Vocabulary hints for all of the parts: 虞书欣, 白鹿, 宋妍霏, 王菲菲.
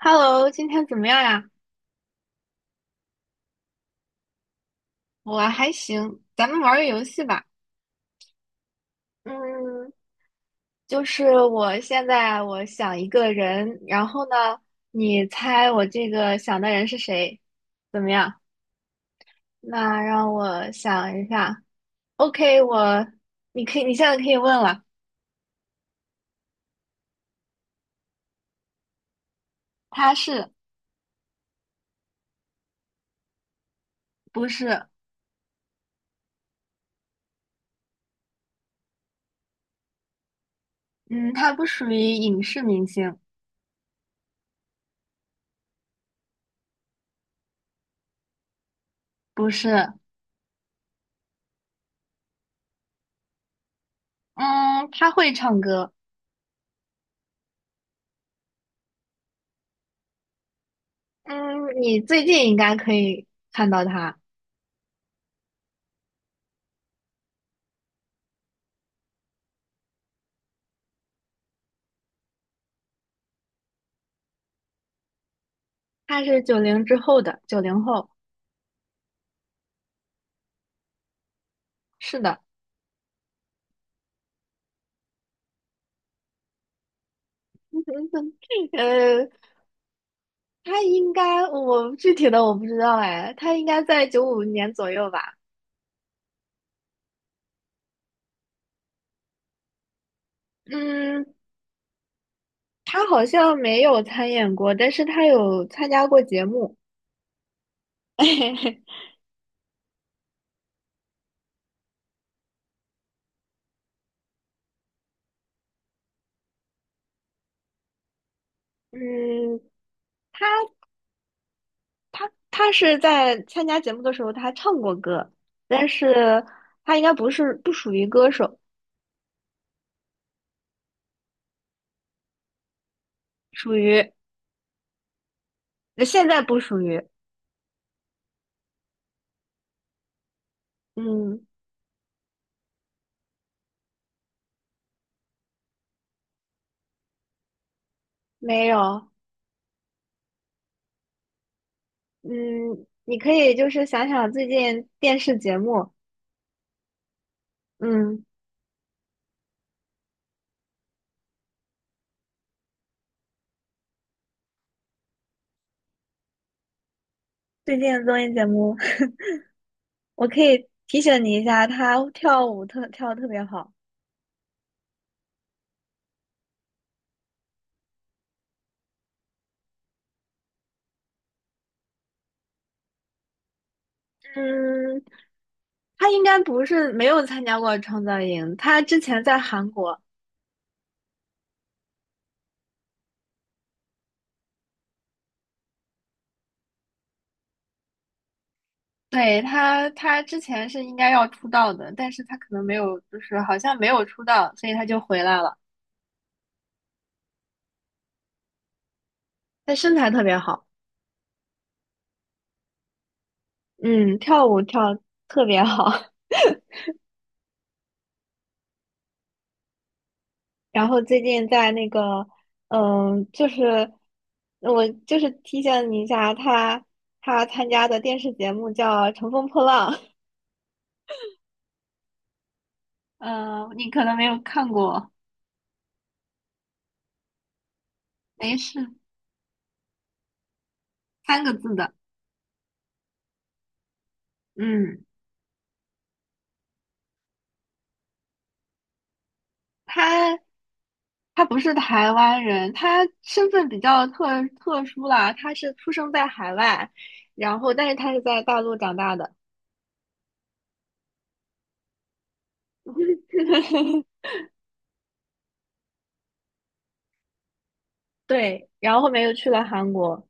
Hello，今天怎么样呀？我还行，咱们玩儿个游戏吧。嗯，就是我现在我想一个人，然后呢，你猜我这个想的人是谁？怎么样？那让我想一下。OK，你现在可以问了。他是不是？嗯，他不属于影视明星，不是。嗯，他会唱歌。嗯，你最近应该可以看到他。他是九零之后的，九零后。是的。呃，他应该我具体的我不知道哎，他应该在95年左右吧？嗯，他好像没有参演过，但是他有参加过节目。嗯，他他是在参加节目的时候，他唱过歌，但是他应该不属于歌手。属于。现在不属于。嗯，没有。嗯，你可以就是想想最近电视节目。嗯。最近的综艺节目。我可以提醒你一下，他跳舞跳的特别好。嗯，他应该不是没有参加过创造营，他之前在韩国。对，他之前是应该要出道的，但是他可能没有，就是好像没有出道，所以他就回来了。他身材特别好。嗯，跳舞跳得特别好。然后最近在那个。嗯，就是我就是提醒你一下，他参加的电视节目叫《乘风破浪》。嗯，你可能没有看过。没事，三个字的。嗯，他他不是台湾人，他身份比较特殊啦，他是出生在海外，然后但是他是在大陆长大的。对，然后后面又去了韩国。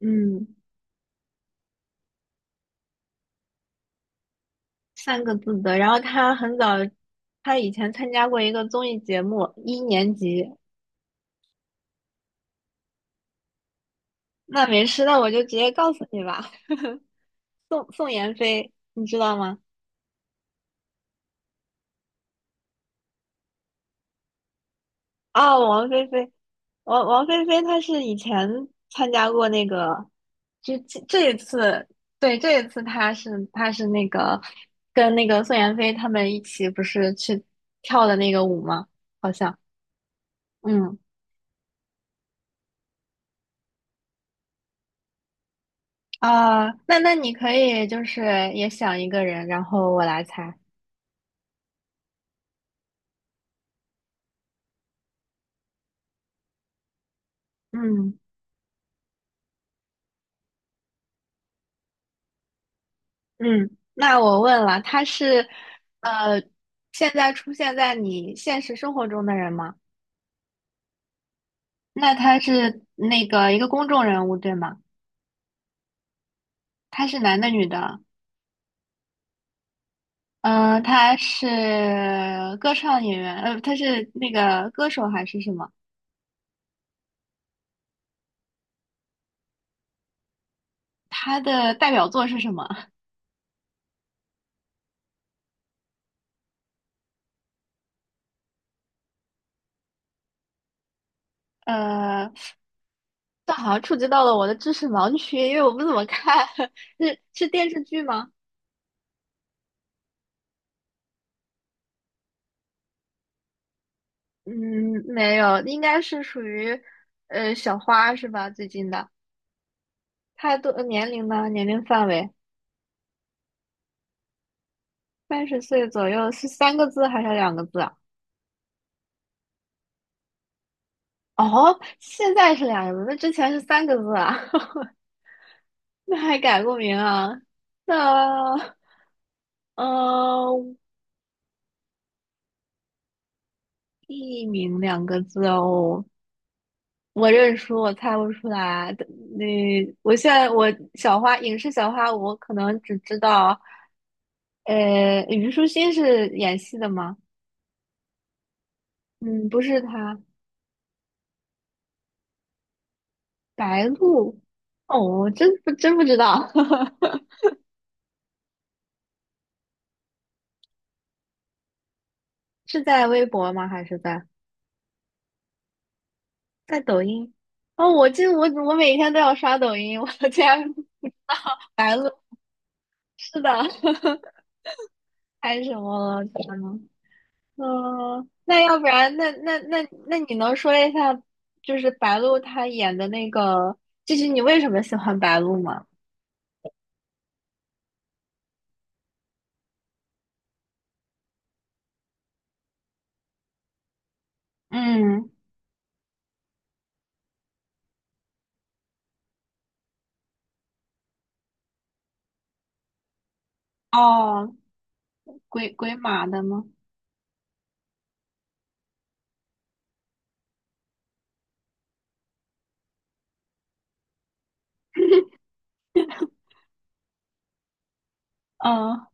嗯。三个字的。然后他很早，他以前参加过一个综艺节目，一年级。那没事，那我就直接告诉你吧。宋妍霏，你知道吗？啊，王菲菲。王菲菲她是以前参加过那个，就这一次。对，这一次她是那个跟那个宋妍霏他们一起不是去跳的那个舞吗？好像。嗯。啊，那你可以就是也想一个人，然后我来猜。嗯嗯，那我问了，他是呃，现在出现在你现实生活中的人吗？那他是那个一个公众人物，对吗？他是男的，女的？嗯，他是歌唱演员。他是那个歌手还是什么？他的代表作是什么？呃，这好像触及到了我的知识盲区，因为我不怎么看。是电视剧吗？嗯，没有，应该是属于小花是吧？最近的。太多年龄呢？年龄范围30岁左右是三个字还是两个字啊？哦，现在是两个字，那之前是三个字啊？那还改过名啊？那呃，艺名两个字哦。我认输，我猜不出来。的那我现在影视小花，我可能只知道。虞书欣是演戏的吗？嗯，不是她。白鹿。哦，我真不知道。是在微博吗？还是在抖音？哦，我记得我每天都要刷抖音，我的天。白鹿，是的。还有什么了？天呐。那要不然，那你能说一下，就是白鹿她演的那个，就是你为什么喜欢白鹿吗？嗯。哦，鬼马的吗？嗯，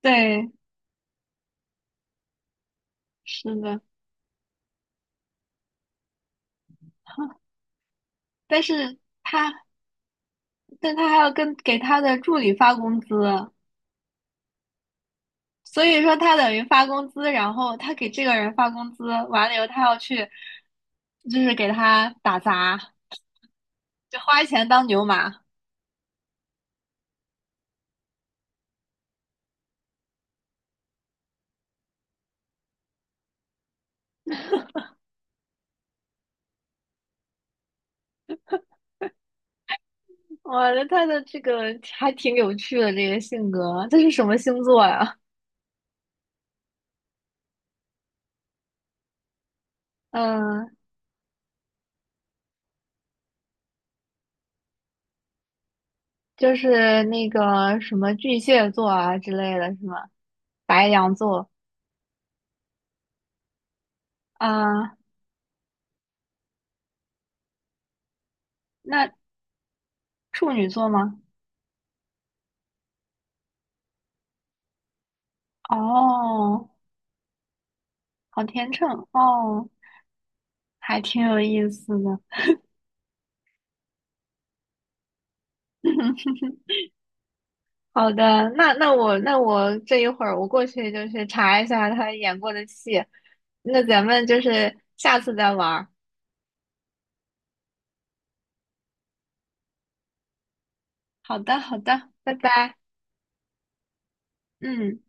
对，是的，但是他，但他还要给他的助理发工资，所以说他等于发工资，然后他给这个人发工资，完了以后他要去，就是给他打杂，就花钱当牛马。哇，那他的这个还挺有趣的，这个性格，这是什么星座呀？嗯，就是那个什么巨蟹座啊之类的，是吗？白羊座啊，那处女座吗？哦，好天秤哦，还挺有意思的。好的，那我这一会儿过去就去查一下他演过的戏，那咱们就是下次再玩儿。好的，好的，拜拜。嗯。